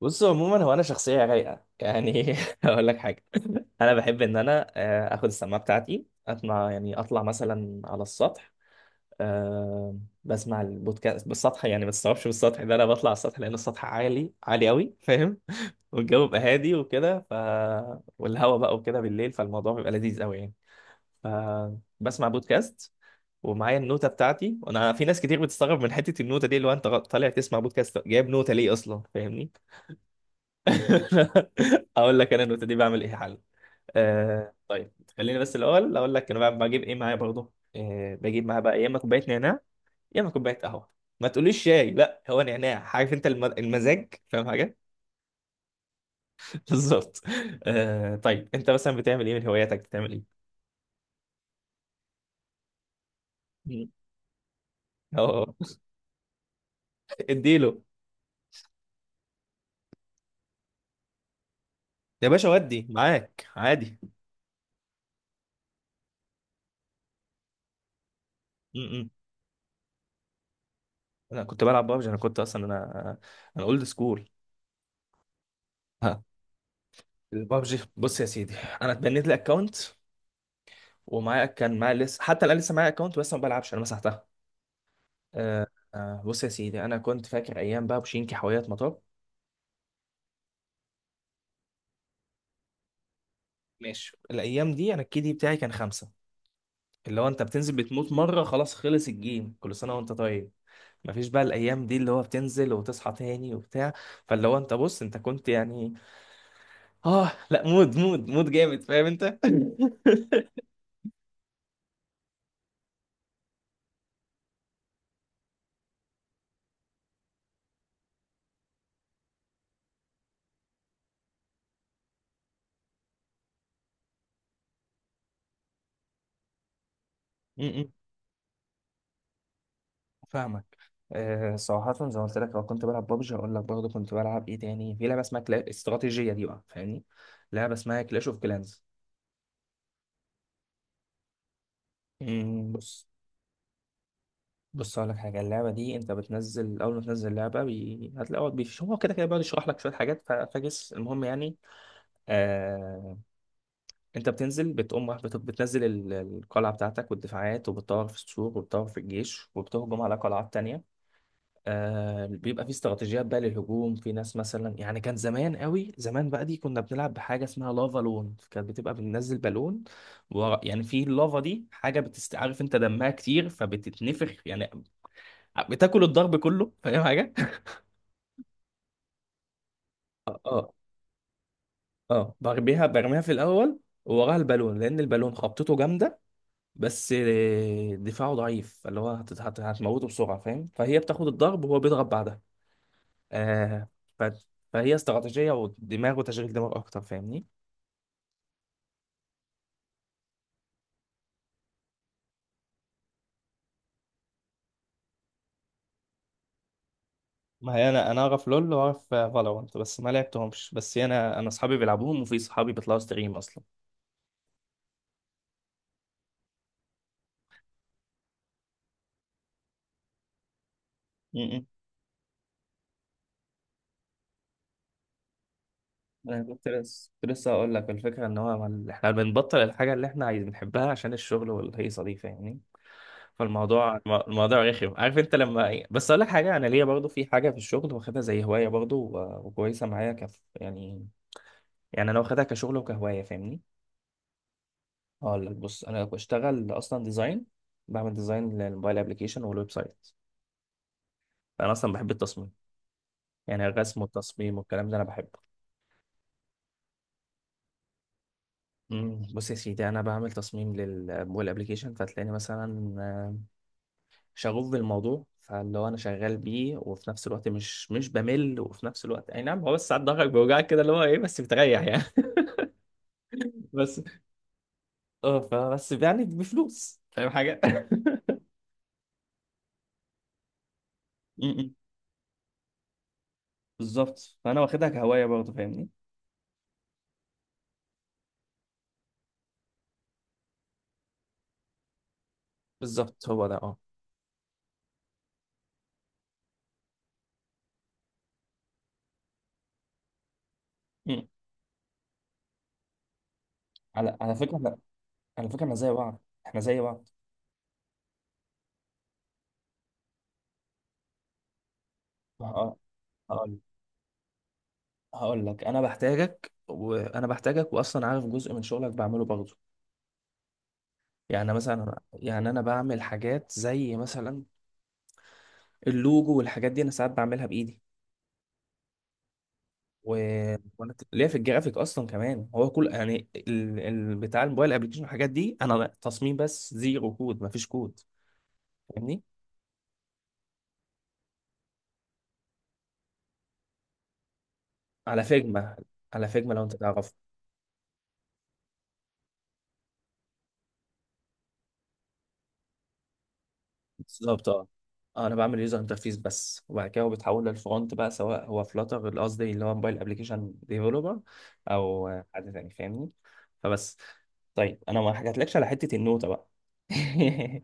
بص، عموما هو انا شخصيه رايقه يعني. هقول لك حاجه. انا بحب ان انا اخد السماعه بتاعتي اسمع، يعني اطلع مثلا على السطح. آه، بسمع البودكاست بالسطح، يعني ما تستوعبش بالسطح ده، انا بطلع على السطح لان السطح عالي عالي قوي. فاهم؟ والجو بيبقى هادي وكده، ف والهواء بقى وكده بالليل، فالموضوع بيبقى لذيذ قوي يعني. فبسمع بودكاست ومعايا النوتة بتاعتي، وانا في ناس كتير بتستغرب من حتة النوتة دي، اللي هو انت طالع تسمع بودكاست جايب نوتة ليه اصلا، فاهمني؟ اقول لك انا النوتة دي بعمل ايه؟ حل. طيب خليني بس الاول اقول لك انا بجيب ايه معايا برضه. بجيب معايا بقى يا اما كوبايه نعناع، يا اما كوبايه قهوه. ما تقوليش شاي، لا هو نعناع، عارف انت المزاج، فاهم حاجه؟ بالظبط. طيب انت مثلا بتعمل ايه من هواياتك؟ بتعمل ايه؟ مم. اه. اديله! يا باشا ودي معاك عادي. م-م. انا كنت بلعب بابجي، انا كنت اصلا انا، انا اولد سكول. ها. البابجي، بص يا سيدي، انا اتبنيت لي اكونت. كان معايا لسه، حتى الان لسه معايا اكونت، بس ما بلعبش، انا مسحتها. آه. بص يا سيدي، انا كنت فاكر ايام بقى بوشينكي حلويات مطار. ماشي، الايام دي انا الكيدي بتاعي كان خمسه. اللي هو انت بتنزل بتموت مره، خلاص خلص الجيم، كل سنه وانت طيب. مفيش بقى الايام دي اللي هو بتنزل وتصحى تاني وبتاع. فاللي هو انت بص انت كنت يعني، اه لا، مود مود مود جامد، فاهم انت؟ فاهمك. أه، صراحة زي ما قلت لك، لو كنت بلعب بابجي هقول لك برضه كنت بلعب ايه تاني. في لعبة اسمها استراتيجية دي بقى، فاهمني؟ لعبة اسمها كلاش اوف كلانز. بص. بص هقول لك حاجة، اللعبة دي انت بتنزل، اول ما تنزل لعبة هتلاقي هو هو كده كده بيقعد يشرح لك شوية حاجات، فاكس المهم يعني. أه... انت بتنزل بتقوم راح بتنزل القلعة بتاعتك والدفاعات، وبتطور في السور، وبتطور في الجيش، وبتهجم على قلعات تانية. آه، بيبقى في استراتيجيات بقى للهجوم. في ناس مثلا، يعني كان زمان قوي زمان بقى دي، كنا بنلعب بحاجه اسمها لافا لون، كانت بتبقى بننزل بالون. يعني في اللافا دي حاجه عارف انت دمها كتير فبتتنفخ يعني، بتاكل الضرب كله، فاهم حاجه؟ اه، اه. اه، برميها برميها في الاول، ووراها البالون، لان البالون خبطته جامده، بس دفاعه ضعيف، اللي هو هتموته بسرعه، فاهم؟ فهي بتاخد الضرب وهو بيضرب بعدها. آه. ف... فهي استراتيجية ودماغ وتشغيل دماغ أكتر، فاهمني؟ ما هي انا اعرف لول واعرف فالورانت، بس ما لعبتهمش، بس أنا أصحابي بيلعبوهم، وفي صحابي بيطلعوا ستريم أصلا. م- م. أنا كنت لسه أقول لك الفكرة، إن هو إحنا بنبطل الحاجة اللي إحنا عايزين بنحبها عشان الشغل والهيصة دي، فاهمني؟ فالموضوع الموضوع رخم، عارف أنت لما إيه، بس أقول لك حاجة، أنا ليا برضو في حاجة في الشغل واخدها زي هواية برضو، وكويسة معايا كف يعني. يعني أنا واخدها كشغل وكهواية، فاهمني؟ هقول لك، بص، انا بشتغل اصلا ديزاين. بعمل ديزاين للموبايل ابلكيشن والويب سايت. انا اصلا بحب التصميم، يعني الرسم والتصميم والكلام ده انا بحبه. بص يا سيدي، انا بعمل تصميم للموبايل ابلكيشن، فتلاقيني مثلا شغوف بالموضوع، فاللي هو انا شغال بيه، وفي نفس الوقت مش بمل، وفي نفس الوقت اي نعم هو، بس ساعات ضهرك بيوجعك كده، اللي هو ايه بس بتريح يعني. بس. اه فبس، يعني بفلوس، فاهم حاجه؟ م- م. بالظبط، فانا واخدها كهوايه برضه، فاهمني؟ بالظبط، هو ده، اه. على فكرة احنا، على فكرة احنا زي بعض. احنا زي بعض. هقول هقول هقول لك انا بحتاجك، وانا بحتاجك، واصلا عارف جزء من شغلك بعمله برضه. يعني مثلا، يعني انا بعمل حاجات زي مثلا اللوجو والحاجات دي، انا ساعات بعملها بايدي. و... وانا ليا في الجرافيك اصلا كمان. هو كل يعني بتاع الموبايل ابلكيشن والحاجات دي انا تصميم بس، زيرو كود، مفيش كود، فاهمني؟ على فيجما، على فيجما لو انت تعرف. بالظبط، اه. انا بعمل يوزر انترفيس بس، وبعد كده هو بيتحول للفرونت بقى، سواء هو فلاتر، قصدي اللي هو موبايل ابلكيشن ديفلوبر، او حد تاني، فاهمني؟ فبس. طيب، انا ما حكيتلكش على حته النوتة بقى.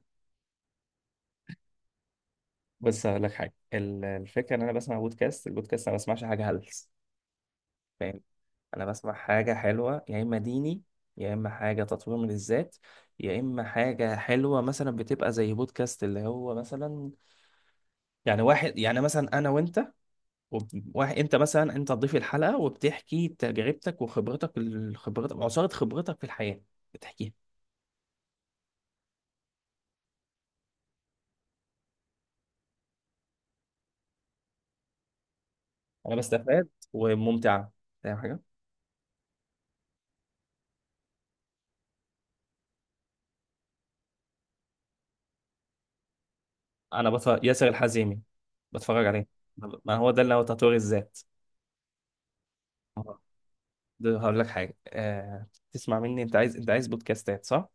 بس هقول لك حاجه، الفكره ان انا بسمع البودكاست انا ما بسمعش حاجه هلس، فاهم؟ انا بسمع حاجه حلوه، يا اما ديني، يا اما حاجه تطوير من الذات، يا اما حاجه حلوه مثلا بتبقى زي بودكاست، اللي هو مثلا يعني واحد، يعني مثلا انا وانت، واحد انت مثلا، انت ضيف الحلقه وبتحكي تجربتك وخبرتك خبرتك وعصاره خبرتك في الحياه، بتحكيها. انا بستفاد وممتعه، فاهم حاجه؟ انا بتفرج ياسر الحزيمي، بتفرج عليه. طب ما هو ده اللي هو تطوير الذات. آه. ده هقول لك حاجه، تسمع مني. انت عايز، بودكاستات، صح؟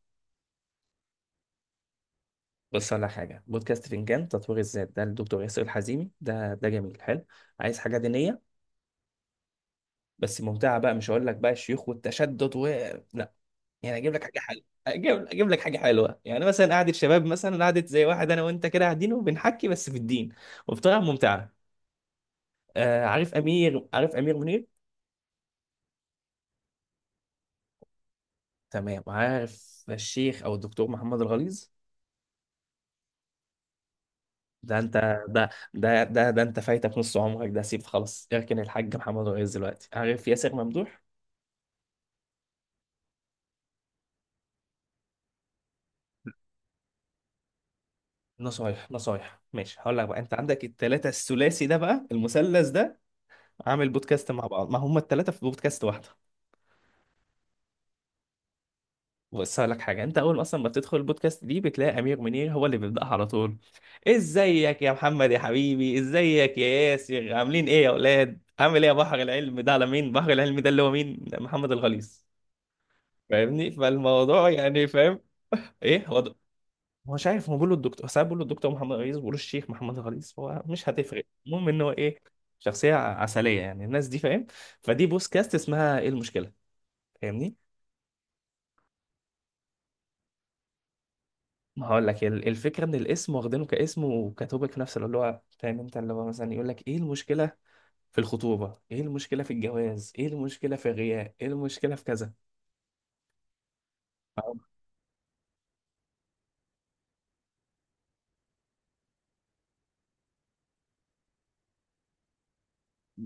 بص هقول لك حاجه، بودكاست فنجان تطوير الذات ده، الدكتور ياسر الحزيمي ده ده جميل، حلو. عايز حاجه دينيه، بس ممتعه بقى، مش هقول لك بقى الشيوخ والتشدد و لا. يعني اجيب لك حاجه حلوه، اجيب لك حاجه حلوه، يعني مثلا قعده شباب، مثلا قعده زي واحد انا وانت كده قاعدين وبنحكي بس في الدين، وبطريقه ممتعه. آه، عارف امير منير. تمام، عارف الشيخ او الدكتور محمد الغليظ؟ ده انت، ده انت فايتك نص عمرك ده، سيب خلاص، اركن الحاج محمد الغليظ دلوقتي، عارف ياسر ممدوح؟ نصايح، نصايح، ماشي. هقول لك بقى، انت عندك التلاتة، الثلاثي ده بقى، المثلث ده عامل بودكاست مع بعض، ما هم التلاتة في بودكاست واحدة. بص هقول لك حاجه، انت اول ما اصلا ما بتدخل البودكاست دي بتلاقي امير منير هو اللي بيبداها على طول: ازيك يا محمد يا حبيبي، ازيك يا ياسر، عاملين ايه يا اولاد، عامل ايه يا بحر العلم؟ ده على مين بحر العلم ده؟ اللي هو مين؟ محمد الغليظ. فاهمني؟ فالموضوع يعني، فاهم؟ ايه، هو ده. هو مش عارف، هو بيقول له الدكتور، ساعات بيقول له الدكتور محمد الغليظ، بيقول له الشيخ محمد الغليظ، هو مش هتفرق، المهم ان هو ايه، شخصيه عسليه يعني الناس دي، فاهم؟ فدي بودكاست اسمها ايه المشكله، فاهمني؟ هقول لك الفكره ان الاسم واخدينه كاسم وكتوبك في نفس الوقت، اللي هو فاهم انت، اللي هو مثلا يقول لك ايه المشكله في الخطوبه، ايه المشكله في الجواز، ايه المشكله في الغياء، ايه المشكله في كذا. هو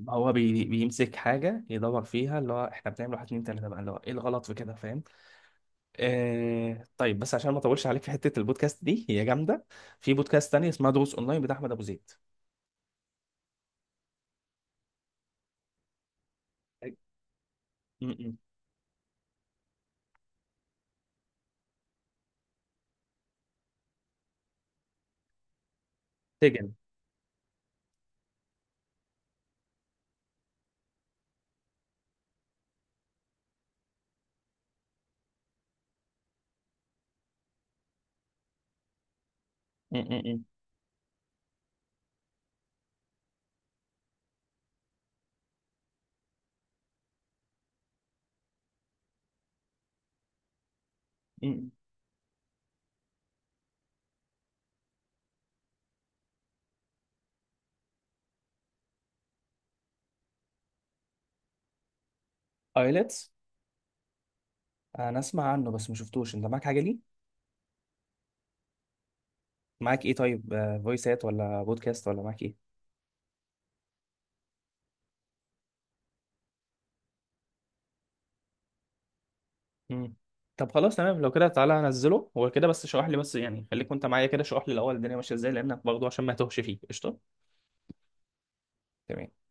هو بيمسك حاجه يدور فيها، اللي هو احنا بنعمل واحد اتنين تلاته بقى، اللي هو ايه الغلط في كده، فاهم؟ آه، طيب بس عشان ما اطولش عليك، في حته البودكاست دي هي جامده. في بودكاست تاني اسمها دروس اونلاين بتاع احمد ابو زيد. م- م. سجن. م- م- م. م- م. ايلتس. انا اسمع عنه، بس ما شفتوش، انت معاك حاجه ليه؟ معاك ايه؟ طيب فويسات ولا بودكاست ولا معاك ايه؟ مم. طب خلاص، تمام. لو كده تعالى هنزله، هو كده بس شرح لي، بس يعني خليك وانت معايا كده، شرح لي الاول الدنيا ماشيه ازاي، لانك برضه عشان ما تهش فيه قشطه. تمام.